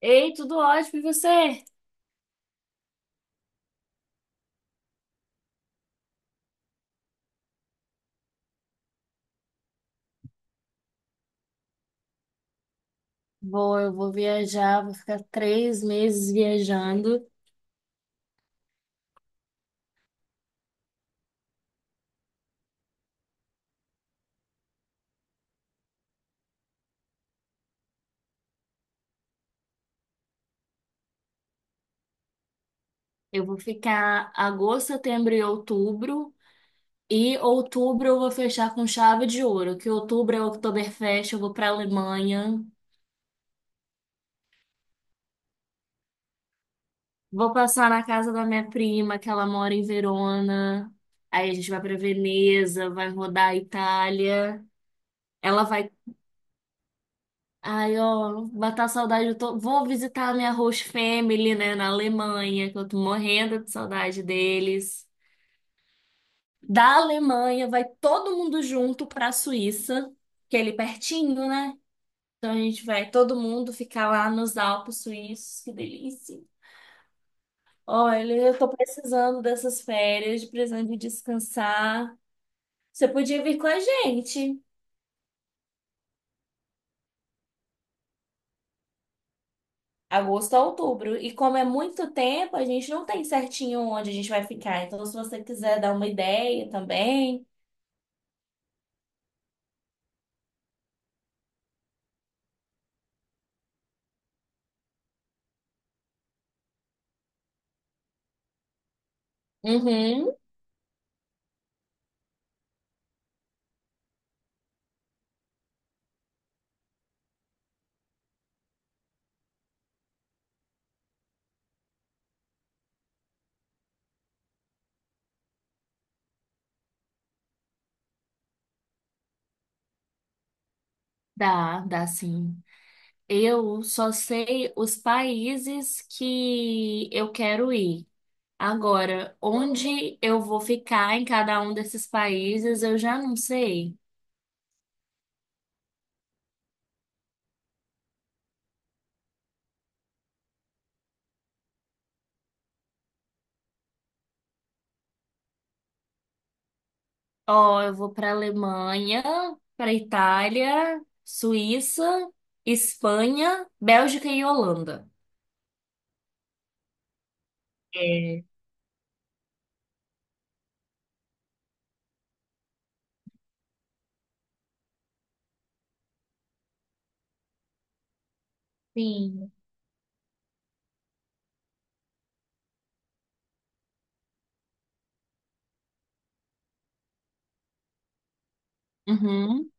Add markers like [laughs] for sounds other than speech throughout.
Ei, tudo ótimo, e você? Vou, eu vou viajar, vou ficar 3 meses viajando. Eu vou ficar agosto, setembro e outubro. E outubro eu vou fechar com chave de ouro, que outubro é o Oktoberfest, eu vou pra Alemanha. Vou passar na casa da minha prima, que ela mora em Verona. Aí a gente vai pra Veneza, vai rodar a Itália. Ela vai... Ai, ó, matar a saudade, eu tô... vou visitar a minha host family, né, na Alemanha, que eu tô morrendo de saudade deles. Da Alemanha, vai todo mundo junto pra Suíça, que é ali pertinho, né? Então a gente vai todo mundo ficar lá nos Alpes suíços, que delícia. Olha, eu tô precisando dessas férias, precisando de descansar. Você podia vir com a gente. Agosto a outubro. E como é muito tempo, a gente não tem certinho onde a gente vai ficar. Então, se você quiser dar uma ideia também. Uhum, dá sim. Eu só sei os países que eu quero ir. Agora, onde eu vou ficar em cada um desses países, eu já não sei. Ó, eu vou para Alemanha, para Itália, Suíça, Espanha, Bélgica e Holanda. É, sim. Uhum.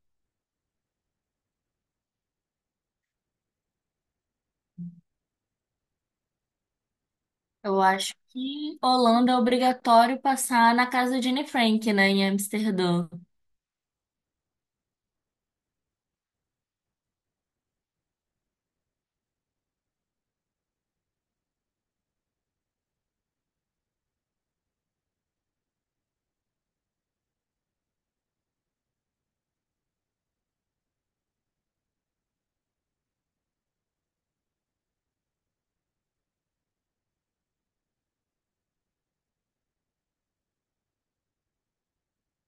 Eu acho que Holanda é obrigatório passar na casa de Anne Frank, né, em Amsterdã.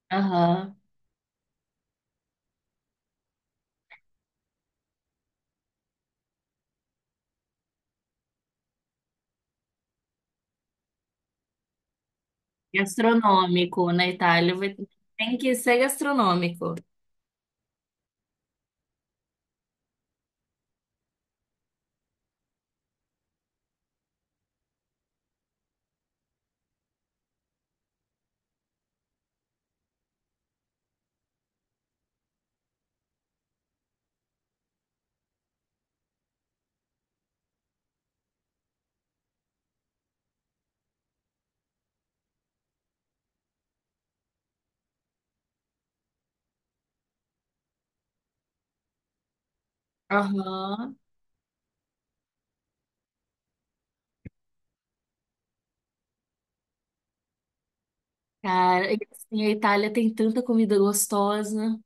Aham. Gastronômico na Itália. Tem que ser gastronômico. Aham. Cara, e assim, a Itália tem tanta comida gostosa.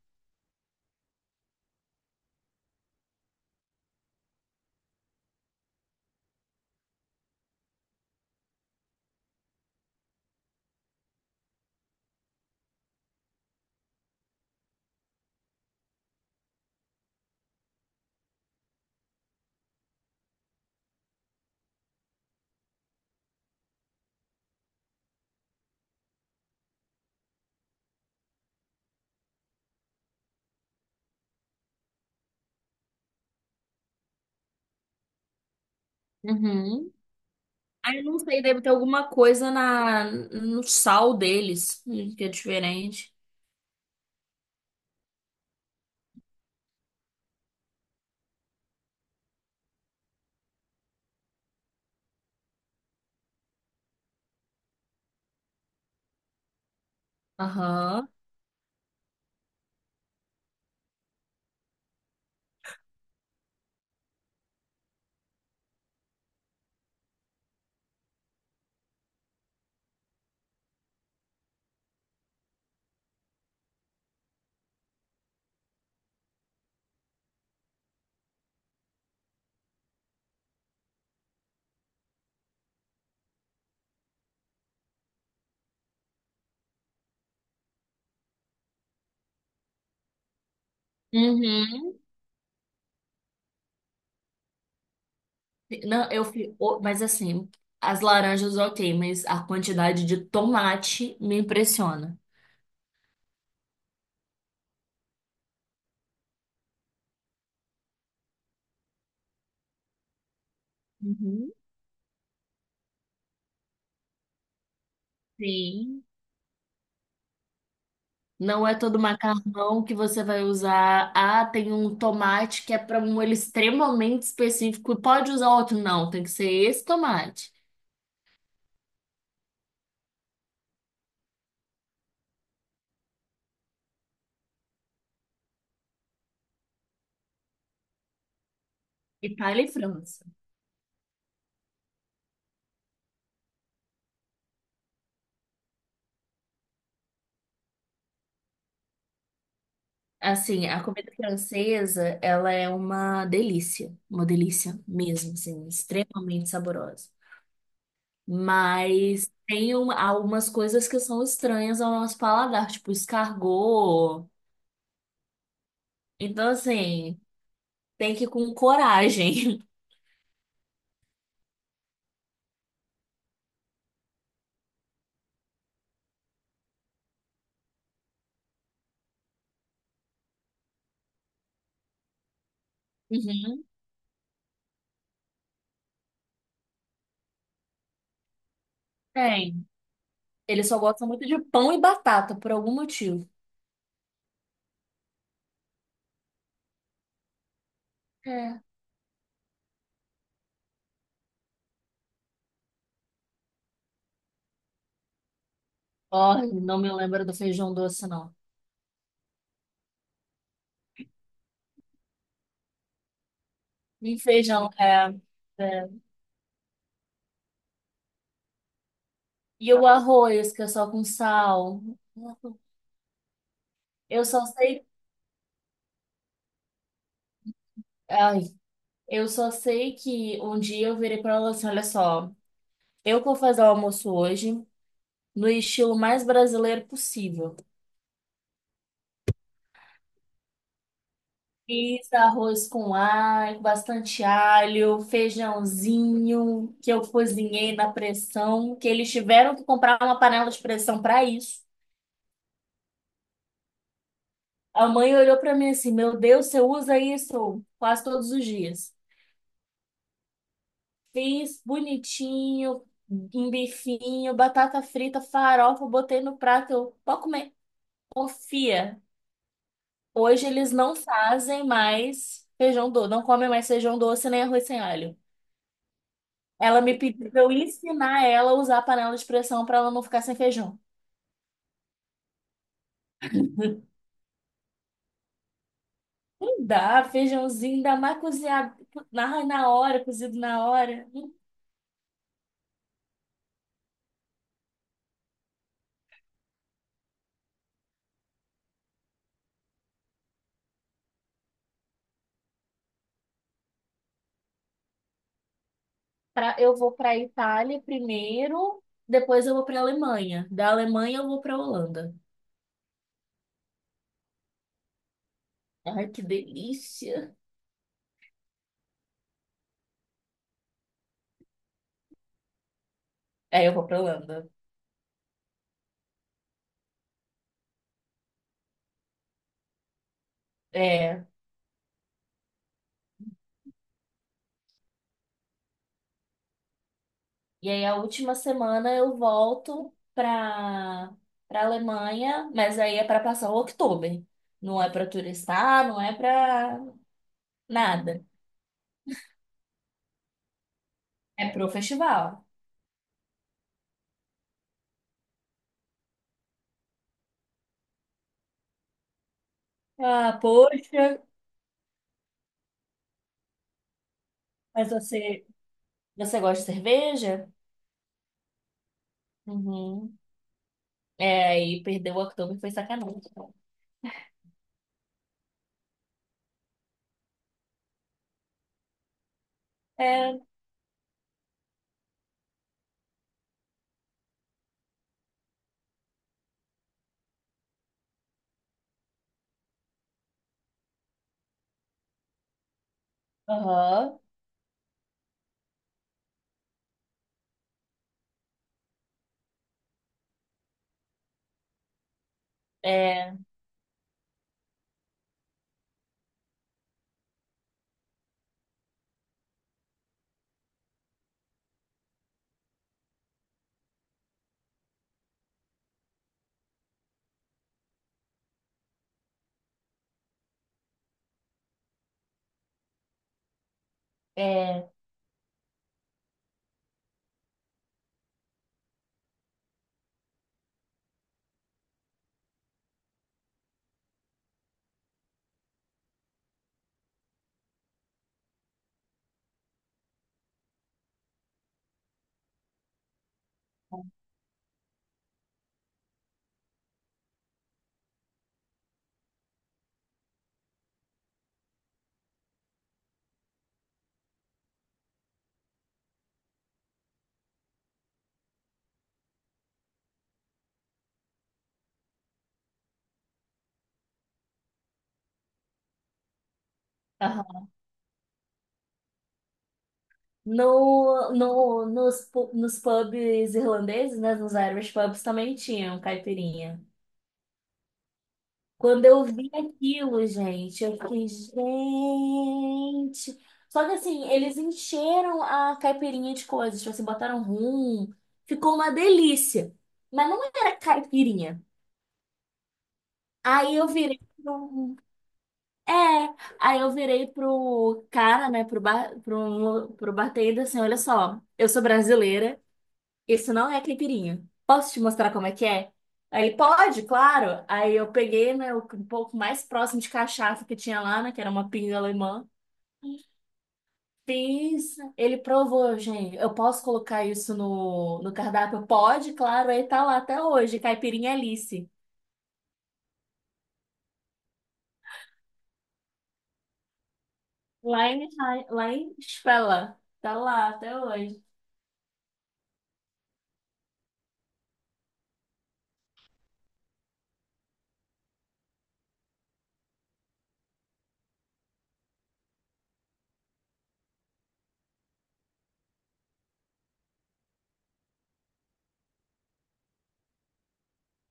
Uhum. Ah, eu não sei, deve ter alguma coisa no sal deles, que é diferente. Aham. Uhum. Não, eu fui, mas assim, as laranjas ok, mas a quantidade de tomate me impressiona. Uhum. Sim. Não é todo macarrão que você vai usar. Ah, tem um tomate que é para um molho extremamente específico. Pode usar outro? Não, tem que ser esse tomate. Itália e França. Assim, a comida francesa, ela é uma delícia. Uma delícia mesmo, assim, extremamente saborosa. Mas algumas coisas que são estranhas ao nosso paladar, tipo escargot. Então, assim, tem que ir com coragem. [laughs] Uhum, tem. Ele só gosta muito de pão e batata, por algum motivo. É. Ó, não me lembro do feijão doce, não. E feijão, é, é. E o arroz, que é só com sal. Eu só sei. Ai, eu só sei que um dia eu virei pra ela assim: olha só, eu vou fazer o almoço hoje. No estilo mais brasileiro possível. Fiz arroz com alho, bastante alho, feijãozinho que eu cozinhei na pressão, que eles tiveram que comprar uma panela de pressão para isso. A mãe olhou para mim assim: Meu Deus, você usa isso quase todos os dias. Fiz bonitinho, um bifinho, batata frita, farofa, botei no prato. Eu, pode comer. Confia. Hoje eles não fazem mais feijão doce, não comem mais feijão doce nem arroz sem alho. Ela me pediu pra eu ensinar ela a usar a panela de pressão para ela não ficar sem feijão. Não dá, feijãozinho, dá mais cozinhado na hora, cozido na hora. Pra, eu vou para Itália primeiro, depois eu vou para Alemanha. Da Alemanha eu vou para Holanda. Ai, que delícia. É, eu vou para Holanda. É. E aí a última semana eu volto para Alemanha, mas aí é para passar o outubro. Não é para turistar, não é para nada. É pro festival. Ah, poxa, mas você, você gosta de cerveja? Uhum. É, aí perdeu o Oktober foi sacanagem. É, aham, é, é, aham. No, no, nos, pu- Nos pubs irlandeses, né, nos Irish pubs também tinham caipirinha. Quando eu vi aquilo, gente, eu fiquei, gente. Só que assim, eles encheram a caipirinha de coisas, tipo assim, botaram rum, ficou uma delícia. Mas não era caipirinha. Aí eu virei pro... É, aí eu virei pro cara, né, pro bar... pro... pro bartender, assim, olha só, eu sou brasileira, isso não é caipirinha. Posso te mostrar como é que é? Aí ele, pode, claro. Aí eu peguei, né, o um pouco mais próximo de cachaça que tinha lá, né, que era uma pinga alemã. Fiz, ele provou, gente. Eu posso colocar isso no cardápio? Pode, claro. Aí tá lá até hoje, caipirinha Alice. Lá em, lá em Spella. Tá lá até hoje.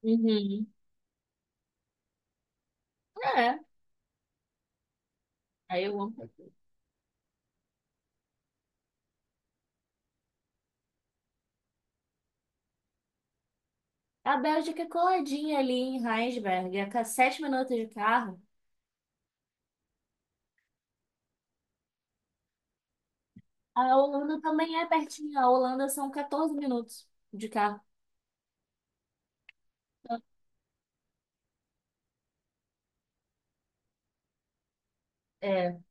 Uhum. É, aí eu amo. A Bélgica é coladinha ali em Rheinsberg, é a 7 minutos de carro. A Holanda também é pertinho. A Holanda são 14 minutos de carro. É,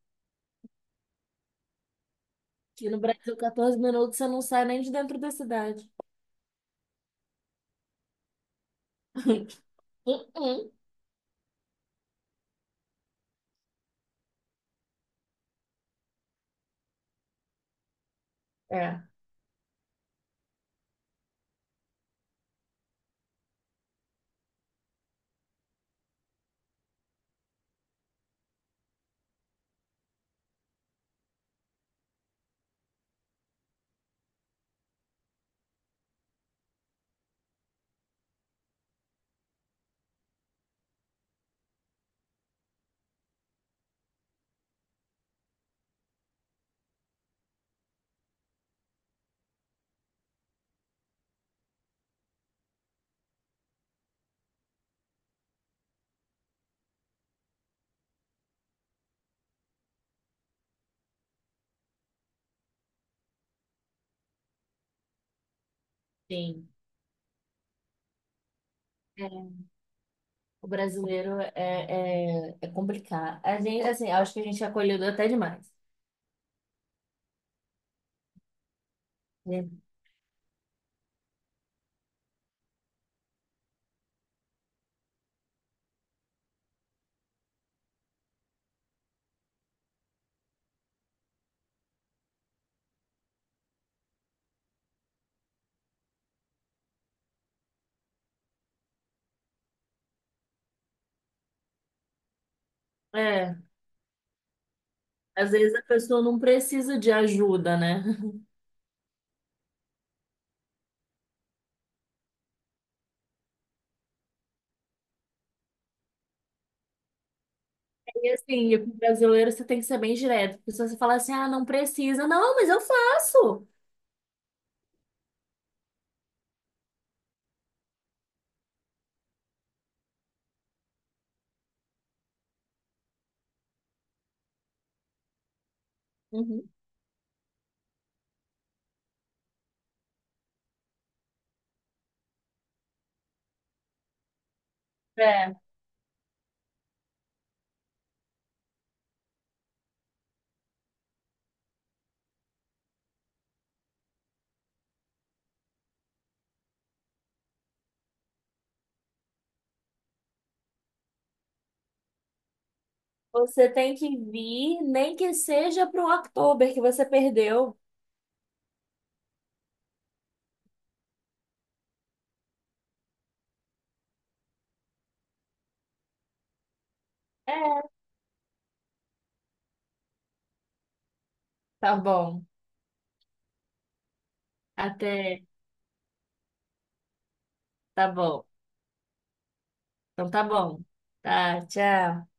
aqui no Brasil, 14 minutos você não sai nem de dentro da cidade. [laughs] Uh-uh. É, sim. É, o brasileiro é, é, é complicado. A gente, assim, acho que a gente é acolhido até demais. Né? É, às vezes a pessoa não precisa de ajuda, né? [laughs] E assim, e com o brasileiro você tem que ser bem direto, porque se você falar assim, ah, não precisa, não, mas eu faço. Uhum. É, você tem que vir, nem que seja pro October que você perdeu. É. Tá bom. Até. Tá bom. Então tá bom. Tá, tchau.